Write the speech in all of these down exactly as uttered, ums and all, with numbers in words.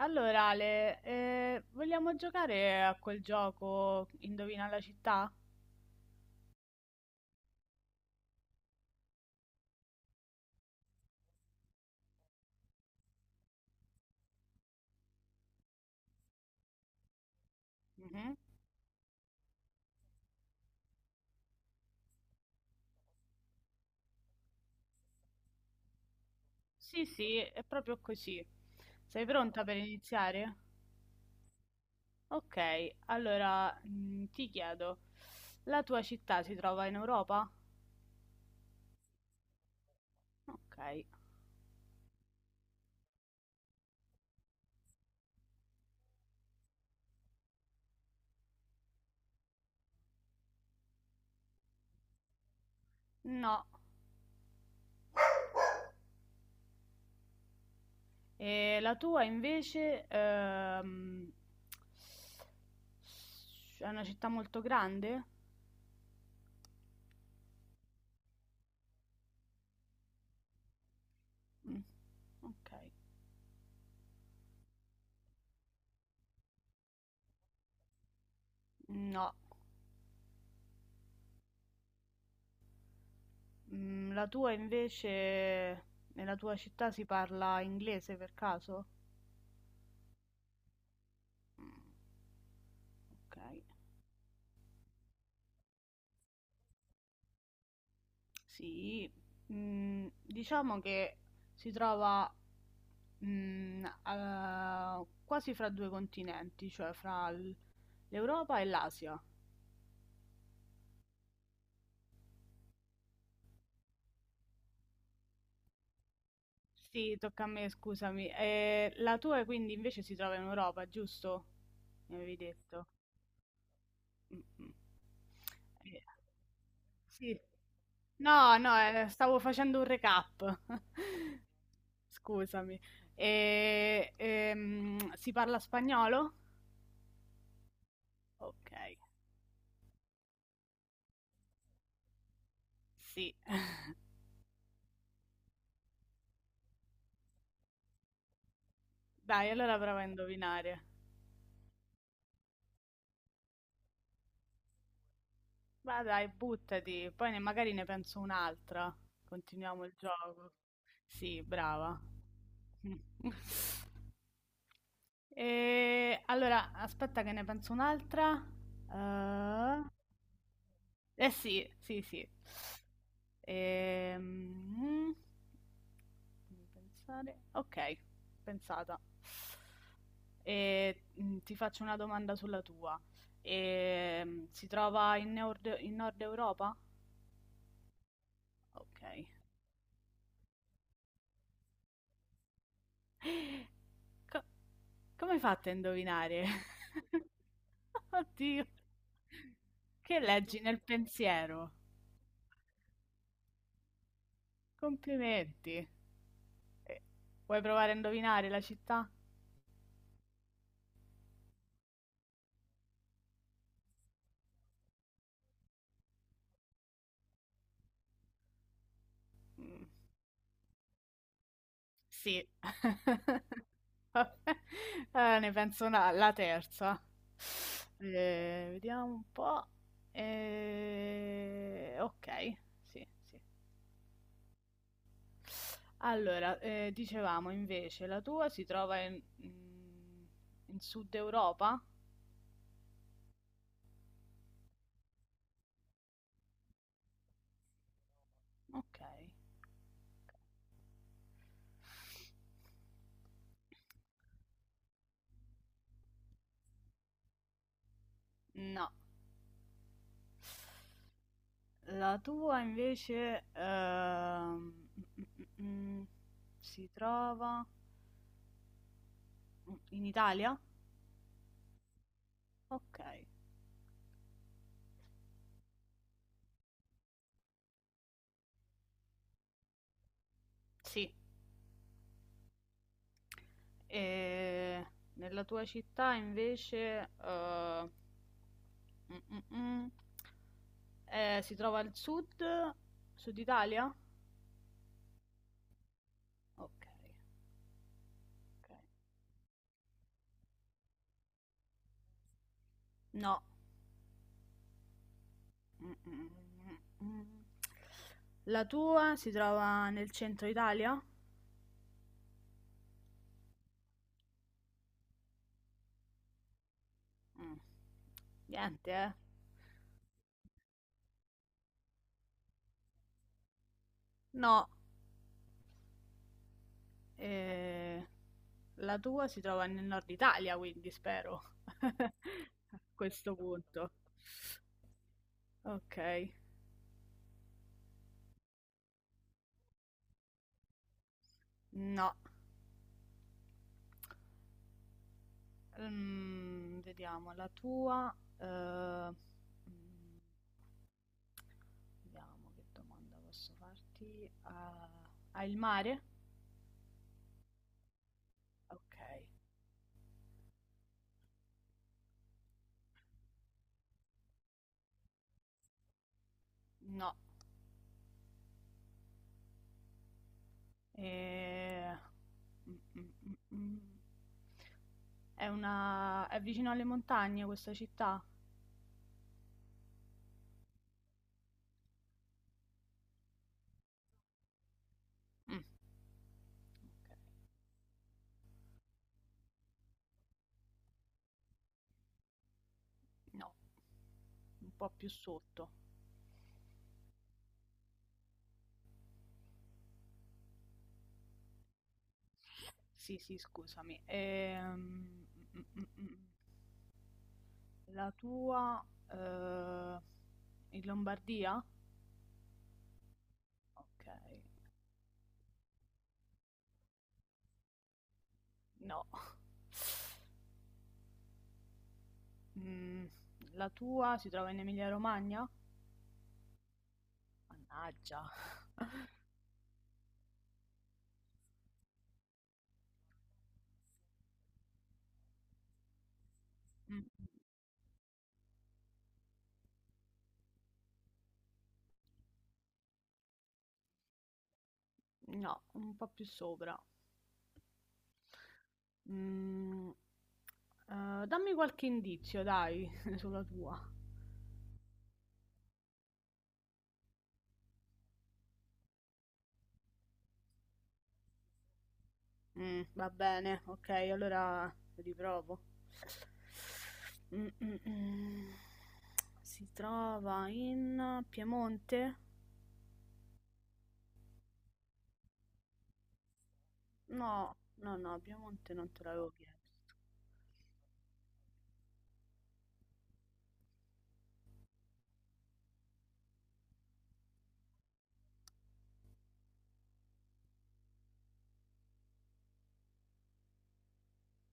Allora, Ale, eh, vogliamo giocare a quel gioco Indovina la città? Mhm. Sì, sì, è proprio così. Sei pronta per iniziare? Ok, allora mm, ti chiedo, la tua città si trova in Europa? Ok, no. E la tua invece ehm, è una città molto grande? Mm, ok, no. Mm, la tua invece, nella tua città si parla inglese per caso? Mm, ok, sì. Mm, diciamo che si trova mm, a- quasi fra due continenti, cioè fra l- l'Europa e l'Asia. Sì, tocca a me, scusami. Eh, la tua quindi invece si trova in Europa, giusto? Mi avevi detto. Mm, mm. Eh, sì. No, no, eh, stavo facendo un recap. Scusami. E, ehm, si parla spagnolo? Ok, sì. Dai, allora prova a indovinare. Va dai, buttati, poi ne- magari ne penso un'altra. Continuiamo il gioco. Sì, brava. E, allora, aspetta che ne penso un'altra. Eh eh sì, sì, sì. Ehm, Fammi pensare. Ok, pensata. E, mh, ti faccio una domanda sulla tua. E, mh, si trova in Nord, in Nord Europa? Ok. Co- come hai fatto a indovinare? Oddio, che leggi nel pensiero? Complimenti. Eh, vuoi provare a indovinare la città? Mm, sì. Eh, ne penso una la terza. Ehm, vediamo un po'. Ehm, ok, sì, sì. Allora, eh, dicevamo invece, la tua si trova in, mm, in Sud Europa? Ok. No, la tua invece ehm, mm, mm, mm, mm, si trova in Italia? Ok. Sì. E nella tua città invece eh, mm, mm, mm, eh, si trova al sud, sud Italia? Ok, ok. No. Mm, mm, mm, mm, mm. La tua si trova nel centro Italia? Mm. Niente, eh. No. Eh, la tua si trova nel nord Italia, quindi spero. A questo punto. Ok. No. Ehm, vediamo la tua. eh, mm, Vediamo che domanda posso farti. Ah, hai il mare? Ok, no. Eh, mm, mm, mm, mm. È una... è vicino alle montagne questa città? Mm, ok, no. Un po' più sotto. Sì, sì, scusami. Ehm, mm, mm, mm, mm. La tua, eh, in Lombardia? Ok, no. Mm, la tua si trova in Emilia-Romagna? Mannaggia. Mm, no, un po' più sopra. Mm, eh, dammi qualche indizio, dai, sulla tua. Mm, va bene, ok, allora riprovo. Mm, mm, mm. Si trova in Piemonte? No, no, no, Piemonte non te l'avevo chiesto.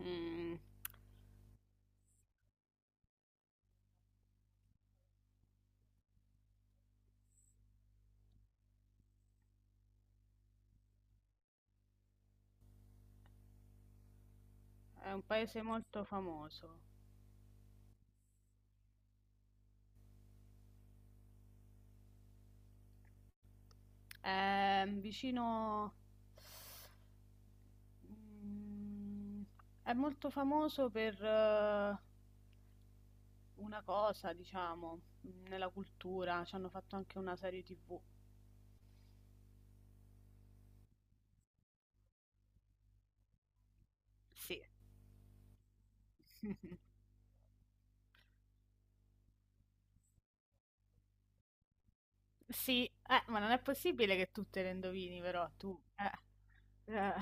Mm, è un paese molto famoso. È vicino... Mm, è molto famoso per eh, una cosa, diciamo, nella cultura. Ci hanno fatto anche una serie ti vu. Sì. Sì, eh, ma non è possibile che tu te le indovini, però tu... eh, eh.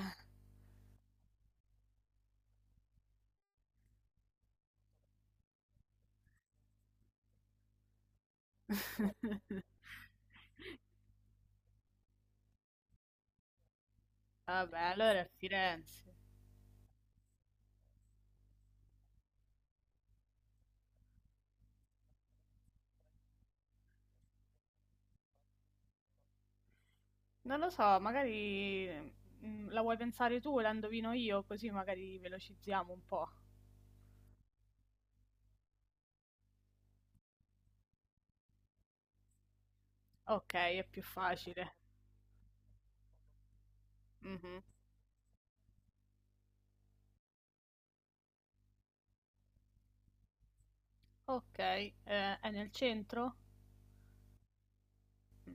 Vabbè, allora è Firenze. Non lo so, magari mm, la vuoi pensare tu e la indovino io, così magari velocizziamo un po'. Ok, è più facile. Mhm. Ok, eh, è nel centro? Mm.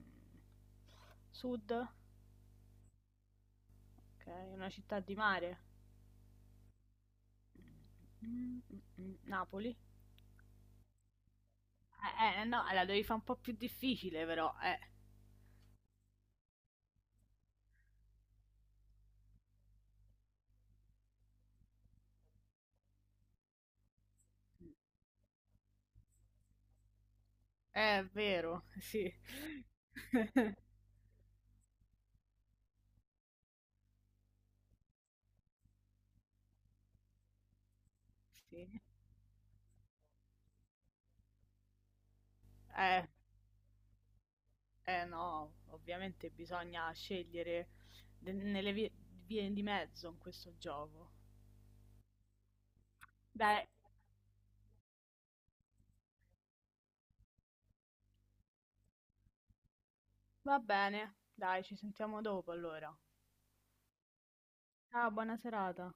Sud? Ok, è una città di mare. Mm, mm, mm, Napoli? Eh, eh, no, la devi fare un po' più difficile però, eh. Eh, è vero, sì. Sì. Eh, eh no, ovviamente bisogna scegliere de- nelle vie, vie di mezzo in questo gioco. Beh, va bene, dai, ci sentiamo dopo allora. Ciao, buona serata.